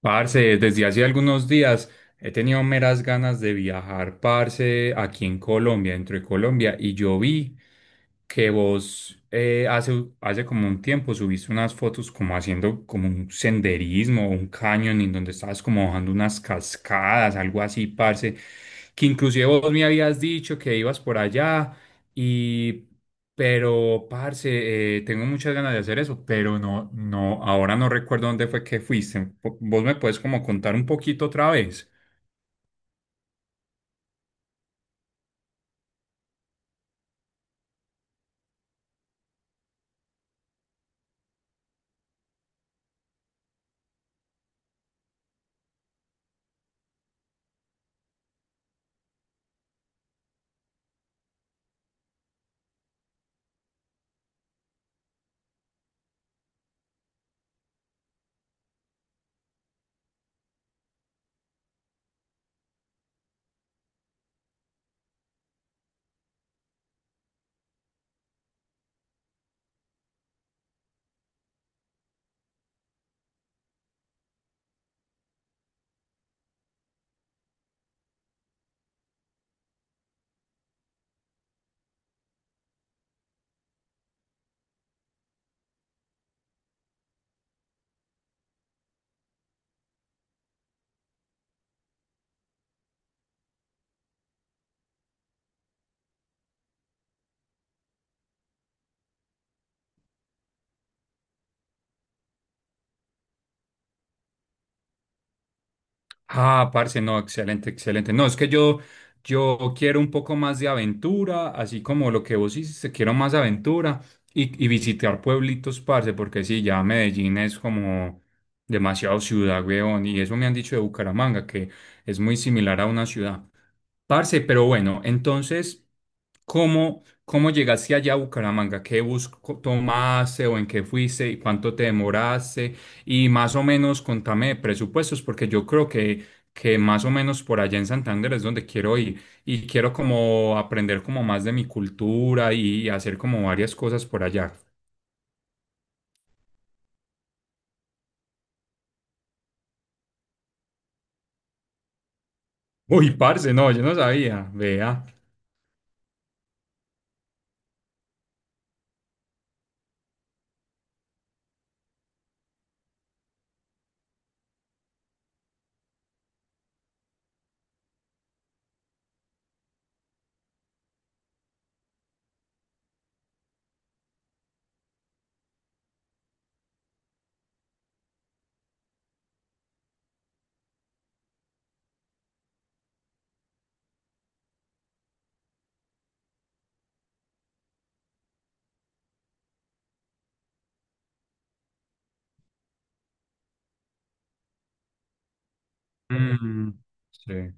Parce, desde hace algunos días he tenido meras ganas de viajar, parce, aquí en Colombia, dentro de Colombia, y yo vi que vos hace, hace como un tiempo subiste unas fotos como haciendo como un senderismo, o un cañón, en donde estabas como bajando unas cascadas, algo así, parce, que inclusive vos me habías dicho que ibas por allá y... Pero, parce, tengo muchas ganas de hacer eso, pero no, no, ahora no recuerdo dónde fue que fuiste. ¿Vos me puedes como contar un poquito otra vez? Ah, parce, no, excelente, excelente. No, es que yo quiero un poco más de aventura, así como lo que vos hiciste, quiero más aventura y visitar pueblitos, parce, porque sí, ya Medellín es como demasiado ciudad, weón, y eso me han dicho de Bucaramanga, que es muy similar a una ciudad. Parce, pero bueno, entonces, ¿cómo llegaste allá a Bucaramanga? ¿Qué tomaste o en qué fuiste y cuánto te demoraste? Y más o menos contame de presupuestos, porque yo creo que más o menos por allá en Santander es donde quiero ir y quiero como aprender como más de mi cultura y hacer como varias cosas por allá. Uy, parce, no, yo no sabía, vea. Mm, sí.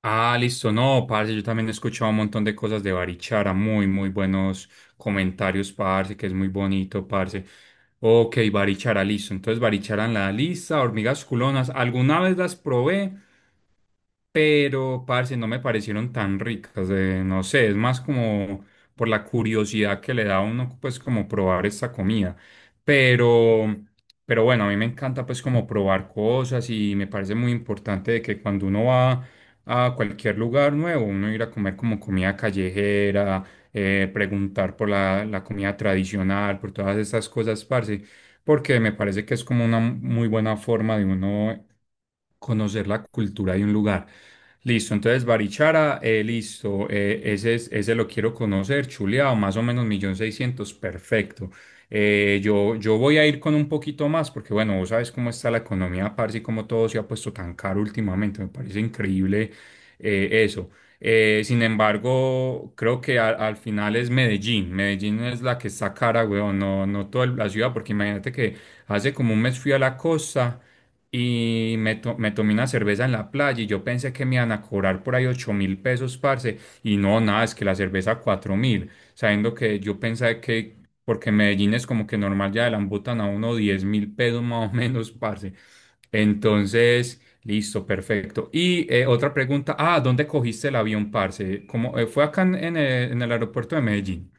Ah, listo, no, parce, yo también he escuchado un montón de cosas de Barichara, muy, muy buenos comentarios, parce, que es muy bonito, parce. Ok, Barichara, listo. Entonces, Barichara en la lista, hormigas culonas, alguna vez las probé, pero parce, no me parecieron tan ricas, no sé, es más como por la curiosidad que le da a uno, pues como probar esta comida, pero, pero bueno, a mí me encanta pues como probar cosas y me parece muy importante de que cuando uno va a cualquier lugar nuevo, uno ir a comer como comida callejera, preguntar por la comida tradicional, por todas estas cosas, parce, porque me parece que es como una muy buena forma de uno conocer la cultura de un lugar. Listo, entonces Barichara, listo, ese, ese lo quiero conocer, chuleado, más o menos 1.600.000, perfecto. Yo voy a ir con un poquito más porque, bueno, vos sabes cómo está la economía, parce, y cómo todo se ha puesto tan caro últimamente, me parece increíble eso. Sin embargo, creo que al final es Medellín. Medellín es la que está cara, weón, no, no toda la ciudad, porque imagínate que hace como un mes fui a la costa y me tomé una cerveza en la playa y yo pensé que me iban a cobrar por ahí 8.000 pesos, parce, y no, nada, es que la cerveza 4.000, sabiendo que yo pensé que, porque Medellín es como que normal ya le embutan a uno 10.000 pesos más o menos, parce. Entonces... Listo, perfecto. Y otra pregunta, ah, ¿dónde cogiste el avión, parce? ¿Cómo, fue acá en en el aeropuerto de Medellín?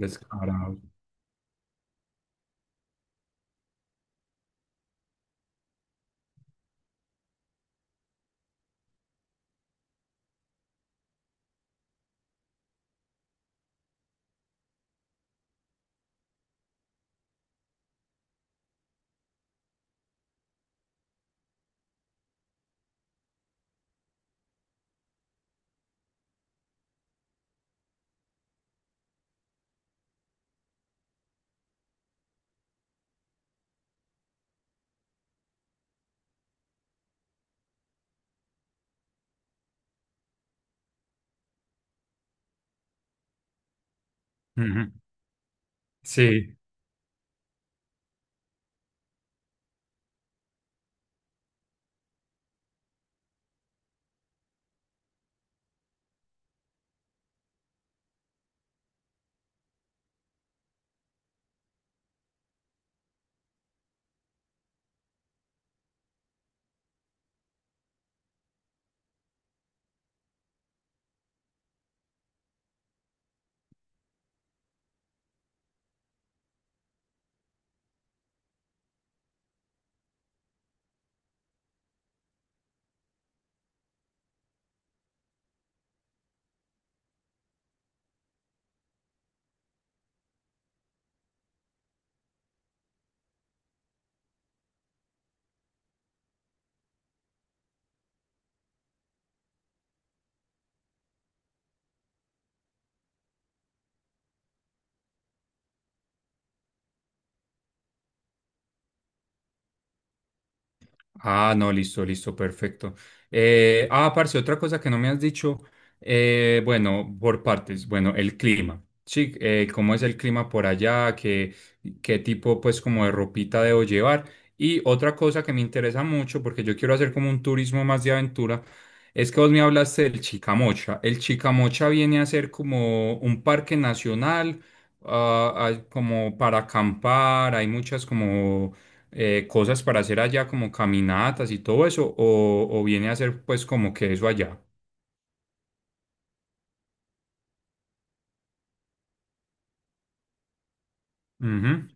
Descarado. Ujú. Sí. Ah, no, listo, listo, perfecto. Parce, otra cosa que no me has dicho, bueno, por partes, bueno, el clima, sí, cómo es el clima por allá, qué tipo, pues, como de ropita debo llevar. Y otra cosa que me interesa mucho, porque yo quiero hacer como un turismo más de aventura, es que vos me hablaste del Chicamocha. El Chicamocha viene a ser como un parque nacional, como para acampar, hay muchas como cosas para hacer allá, como caminatas y todo eso, o viene a hacer pues como que eso allá. Ujú.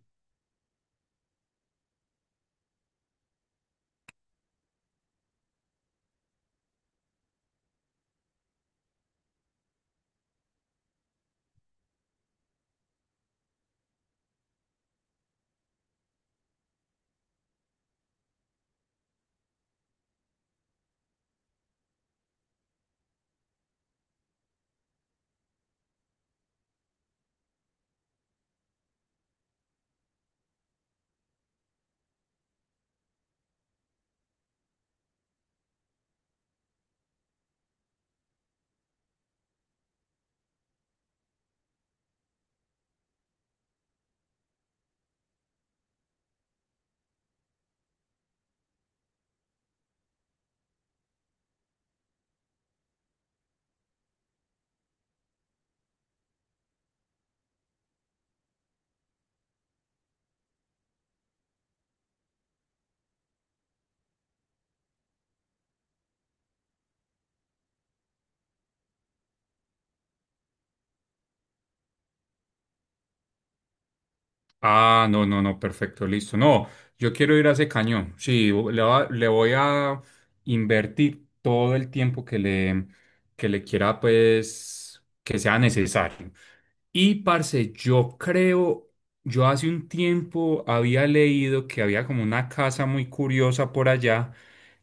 Ah, no, no, no, perfecto, listo. No, yo quiero ir a ese cañón. Sí, le voy a invertir todo el tiempo que le quiera, pues, que sea necesario. Y parce, yo creo, yo hace un tiempo había leído que había como una casa muy curiosa por allá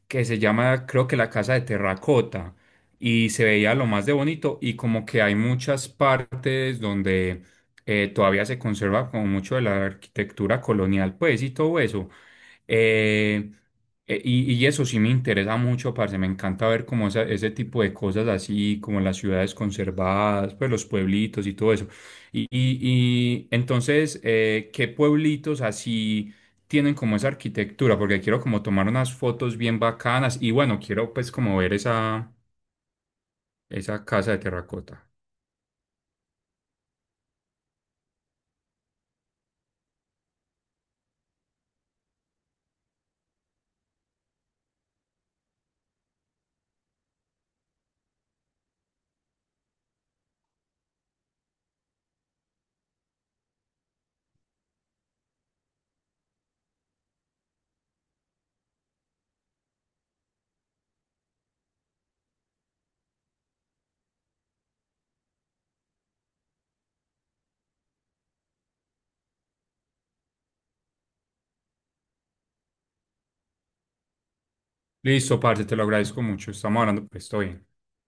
que se llama, creo que la casa de terracota y se veía lo más de bonito y como que hay muchas partes donde todavía se conserva como mucho de la arquitectura colonial, pues y todo eso. Eh, y eso sí me interesa mucho, parce. Me encanta ver como ese tipo de cosas así, como las ciudades conservadas, pues los pueblitos y todo eso. Y, y- y entonces, ¿qué pueblitos así tienen como esa arquitectura? Porque quiero como tomar unas fotos bien bacanas y bueno, quiero pues como ver esa casa de terracota. Listo, parce, te lo agradezco mucho. Estamos hablando, pues estoy bien.